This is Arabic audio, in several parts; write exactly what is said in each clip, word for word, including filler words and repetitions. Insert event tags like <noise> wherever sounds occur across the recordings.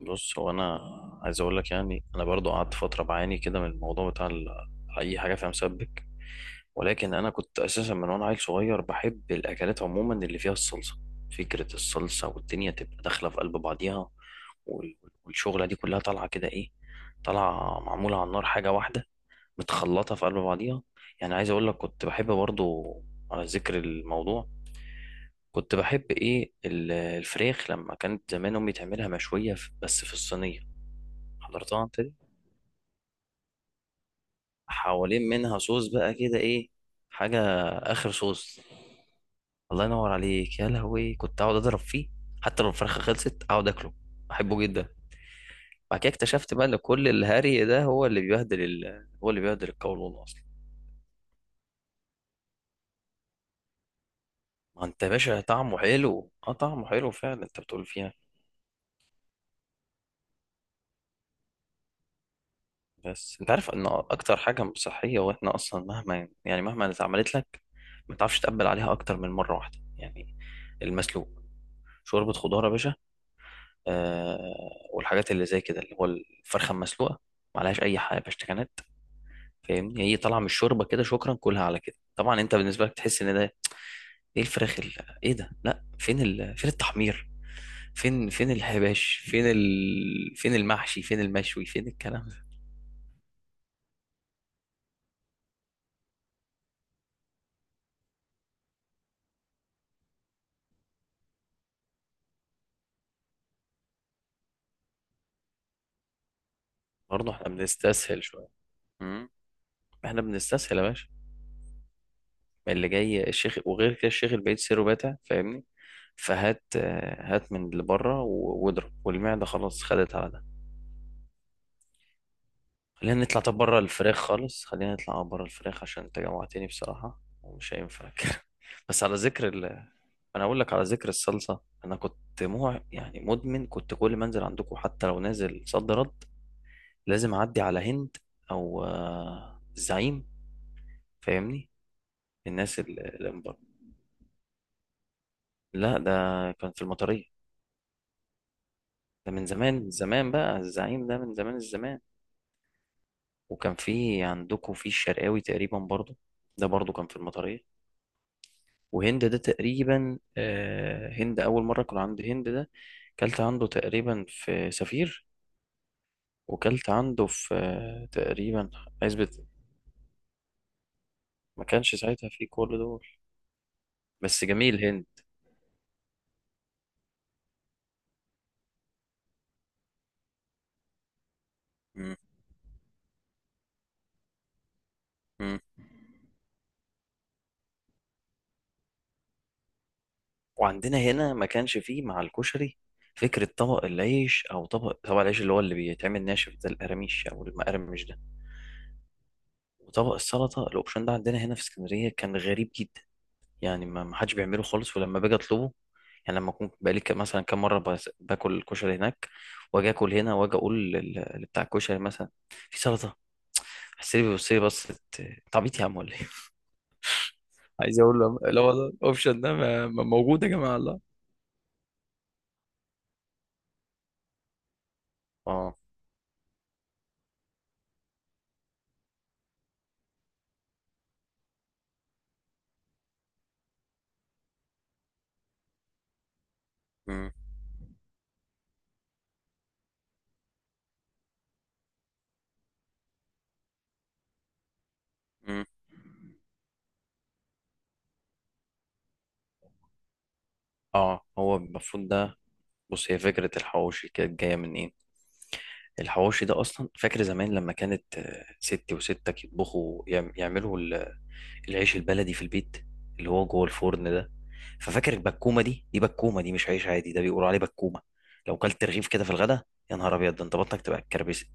بص، هو انا عايز اقول لك، يعني انا برضو قعدت فتره بعاني كده من الموضوع بتاع ال- اي حاجه فيها مسبك. ولكن انا كنت اساسا من وانا عيل صغير بحب الاكلات عموما اللي فيها الصلصه. فكره الصلصه والدنيا تبقى داخله في قلب بعضيها، وال- والشغله دي كلها طالعه كده ايه، طالعه معموله على النار حاجه واحده، متخلطه في قلب بعضيها. يعني عايز اقول لك كنت بحب برضو، على ذكر الموضوع، كنت بحب ايه ال- الفراخ لما كانت زمان امي تعملها مشويه في- بس في الصينيه. حضرتها انت دي؟ حوالين منها صوص بقى كده ايه، حاجة، اخر صوص. الله ينور عليك يا لهوي، كنت اقعد اضرب فيه، حتى لو الفرخة خلصت اقعد اكله، بحبه جدا. بعد كده اكتشفت بقى ان كل الهري ده هو اللي بيبهدل ال... هو اللي بيبهدل القولون اصلا. ما انت يا باشا طعمه حلو، اه، طعمه حلو فعلا انت بتقول فيها. بس انت عارف ان اكتر حاجة مش صحية، واحنا اصلا مهما يعني مهما اتعملت لك ما تعرفش تقبل عليها اكتر من مرة واحدة يعني. المسلوق، شوربة خضار يا باشا، آه والحاجات اللي زي كده اللي هو الفرخه المسلوقه، معلهاش اي حاجه بشتكانات. فاهمني، هي طالعه من الشوربه كده، شكرا، كلها على كده. طبعا انت بالنسبه لك تحس ان ده ايه الفراخ ال- ايه ده، لا، فين ال... فين التحمير، فين فين الحباش، فين ال... فين المحشي، فين المشوي، فين الكلام ده. برضه احنا بنستسهل شويه. مم. احنا بنستسهل يا باشا. ما اللي جاي الشيخ، وغير كده الشيخ البعيد سيره باتع، فاهمني. فهات، آه، هات من اللي بره و- واضرب، والمعده خلاص خدت على ده. خلينا نطلع، طب بره الفراخ خالص، خلينا نطلع بره الفراخ عشان انت جوعتني بصراحة ومش هينفع كده. <laughs> بس على ذكر ال... انا اقول لك، على ذكر الصلصة، انا كنت مو يعني مدمن، كنت كل ما انزل عندكم حتى لو نازل صد رد، لازم اعدي على هند، او آه، الزعيم، فاهمني. الناس اللي من بره، لا، ده كان في المطرية. ده من زمان من زمان بقى، الزعيم ده من زمان الزمان. وكان في عندكم في الشرقاوي تقريبا برضو، ده برضو كان في المطرية. وهند ده تقريبا، آه، هند أول مرة كنا عند هند ده، كلت عنده تقريبا في سفير، وكلت عنده في آه، تقريبا عزبة. ما كانش ساعتها فيه كل دول. بس جميل هند. مم. مم. وعندنا هنا ما كانش فيه مع الكشري فكرة طبق العيش، أو طبق طبق العيش اللي هو اللي بيتعمل ناشف ده، القراميش أو المقرمش ده، وطبق السلطة الأوبشن ده، عندنا هنا في اسكندرية كان غريب جدا. يعني ما ما حدش بيعمله خالص، ولما باجي اطلبه، يعني لما اكون بقالي ك- مثلا كام مره، بس- باكل الكشري هناك، واجي اكل هنا واجي اقول لل- لبتاع الكشري مثلا في سلطه، حسيت بيبص لي بص، انت عبيط يا عم ولا ايه. عايز اقول له لا والله الاوبشن ده ما- ما موجود يا جماعه الله. اه. مم، مم. اه، هو المفروض ده. بص، هي فكره الحواوشي كانت جايه من ايه. الحواوشي ده اصلا، فاكر زمان لما كانت آه، ستي وستك يطبخوا يعم- يعملوا العيش البلدي في البيت، اللي هو جوه الفرن ده. ففاكر البكومه دي، دي بكومه، دي مش عيش عادي، ده بيقولوا عليه بكومه. لو كلت رغيف كده في الغدا، يا نهار ابيض، ده انت بطنك تبقى اتكربست.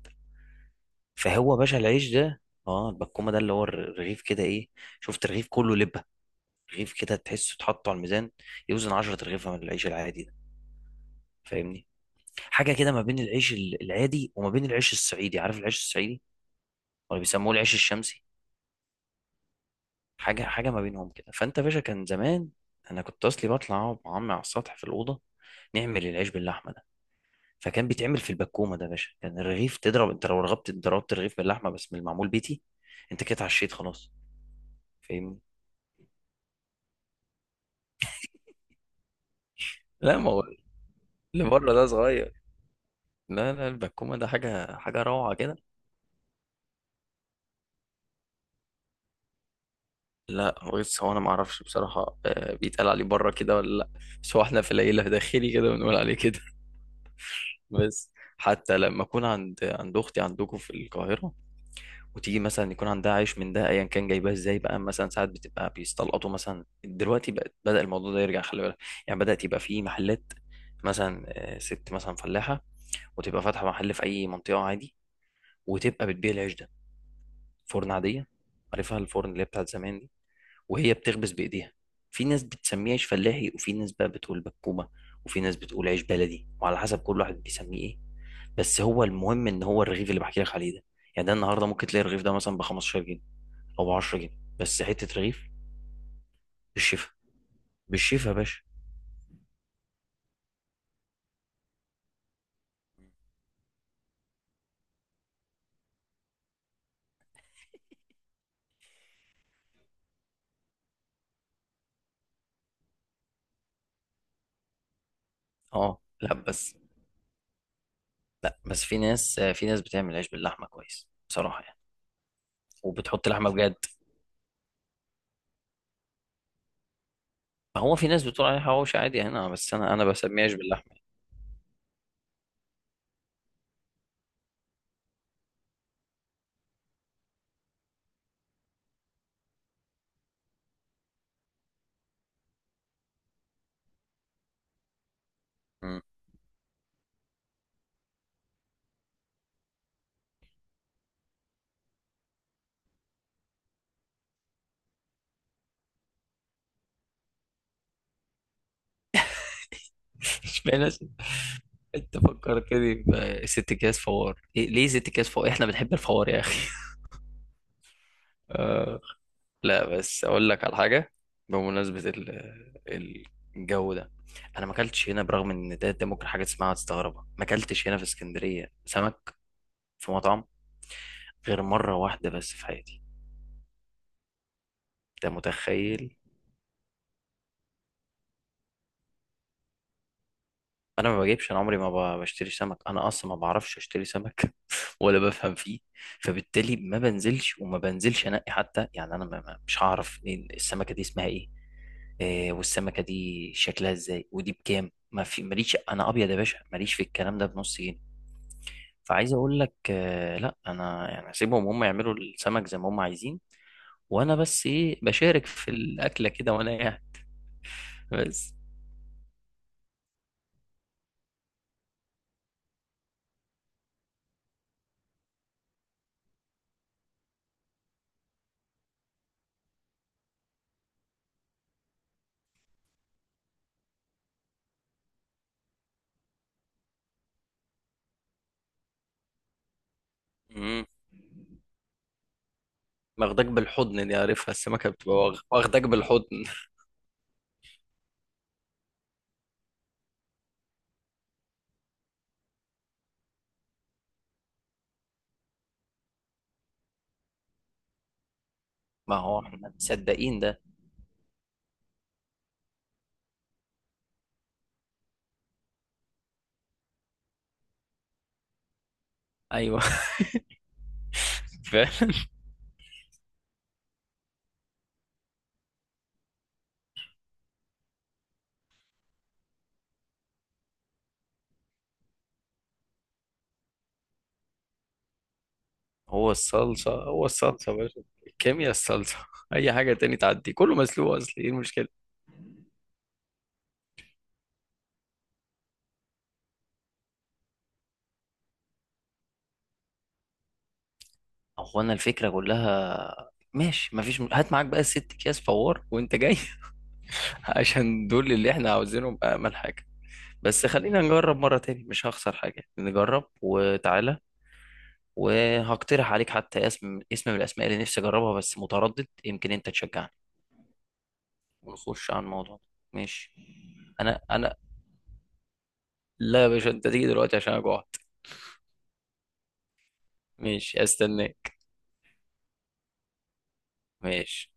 فهو باشا العيش ده، اه، البكومه ده اللي هو الرغيف كده ايه، شفت رغيف كله لبه، رغيف كده تحسه اتحط على الميزان، يوزن عشرة رغيفه من العيش العادي ده. فاهمني، حاجه كده ما بين العيش ال- العادي، وما بين العيش الصعيدي، عارف العيش الصعيدي، ولا بيسموه العيش الشمسي، حاجه حاجه ما بينهم كده. فانت يا باشا كان زمان، انا كنت اصلي بطلع اقعد مع عمي على السطح في الاوضه، نعمل العيش باللحمه ده. فكان بيتعمل في البكومه ده يا باشا، كان الرغيف تضرب انت لو رغبت، ضربت الرغيف باللحمه بس من المعمول بيتي، انت كده اتعشيت خلاص، فاهمني. لا، ما هو اللي بره ده صغير. لا لا، البكومه ده حاجه حاجه روعه كده. لا، بص هو انا ما اعرفش بصراحه آه، بيتقال عليه بره كده ولا لا، بس هو احنا في العيله داخلي كده بنقول عليه كده. <laughs> بس حتى لما اكون عند عند اختي عندكم في القاهره، وتيجي مثلا يكون عندها عيش من ده ايا كان جايباه ازاي بقى، مثلا ساعات بتبقى بيستلقطوا، مثلا دلوقتي بقى بدأ الموضوع ده يرجع، خلي بالك، يعني بدأت يبقى في محلات، مثلا آه، ست مثلا فلاحة، وتبقى فاتحة محل في أي منطقة عادي، وتبقى بتبيع العيش ده، فرن عادية، عارفها الفرن اللي هي بتاعت زمان دي، وهي بتخبز بإيديها. في ناس بتسميه عيش فلاحي، وفي ناس بقى بتقول بكومة، وفي ناس بتقول عيش بلدي، وعلى حسب كل واحد بيسميه ايه. بس هو المهم ان هو الرغيف اللي بحكي لك عليه ده، يعني ده النهارده ممكن تلاقي الرغيف ده مثلا ب خمستاشر او ب عشر جنيه، بس حته رغيف. بالشفا، بالشفا يا باشا. اه، لا بس، لا بس، في ناس في ناس بتعمل عيش باللحمه كويس بصراحه يعني، وبتحط لحمه بجد. ما هو في ناس بتقول عليه حواوشي عادي هنا، بس انا انا بسميه عيش باللحمه. مم. <laughs> مش بلاش، انت فكرتني بست اكياس فوار، إيه ليه ست اكياس فوار، احنا بنحب الفوار يا اخي. <laughs> لا بس، اقول لك على حاجه، بمناسبه ال- الجو ده، انا ما اكلتش هنا، برغم ان ده, ده ممكن حاجه تسمعها وتستغربها، ما اكلتش هنا في اسكندريه سمك في مطعم غير مره واحده بس في حياتي. انت متخيل؟ انا ما بجيبش، انا عمري ما ب- بشتري سمك، انا اصلا ما بعرفش اشتري سمك. <laughs> ولا بفهم فيه، فبالتالي ما بنزلش وما بنزلش انقي حتى، يعني انا ما ما- مش هعرف إيه السمكه دي اسمها ايه، آه، والسمكه دي شكلها ازاي، ودي بكام، ما في، ماليش انا ابيض يا باشا، ماليش في الكلام ده بنص جنيه. فعايز اقول لك آه، لا، انا يعني اسيبهم هم يعملوا السمك زي ما هم عايزين، وانا بس ايه بشارك في الاكله كده وانا قاعد بس. مم. واخداك بالحضن دي، عارفها السمكه بتبقى واخ- واخداك بالحضن. <laughs> ما هو احنا مصدقين ده. ايوه، <laughs> فعلا، هو الصلصه، هو الصلصه يا باشا، الكيمياء الصلصه. اي حاجه تاني تعدي، كله مسلوق اصلي، ايه المشكله؟ هو انا الفكره كلها ماشي، مفيش م... هات معاك بقى الست اكياس فوار وانت جاي. <laughs> عشان دول اللي احنا عاوزينهم، امل حاجه. بس خلينا نجرب مره تاني، مش هخسر حاجه، نجرب، وتعالى. وهقترح عليك حتى اسم اسم من الاسماء اللي نفسي اجربها، بس متردد، يمكن انت تشجعني. ونخش على الموضوع ده. ماشي. انا انا، لا يا باشا، انت تيجي دلوقتي عشان انا جوعت. ماشي، استناك. ماشي.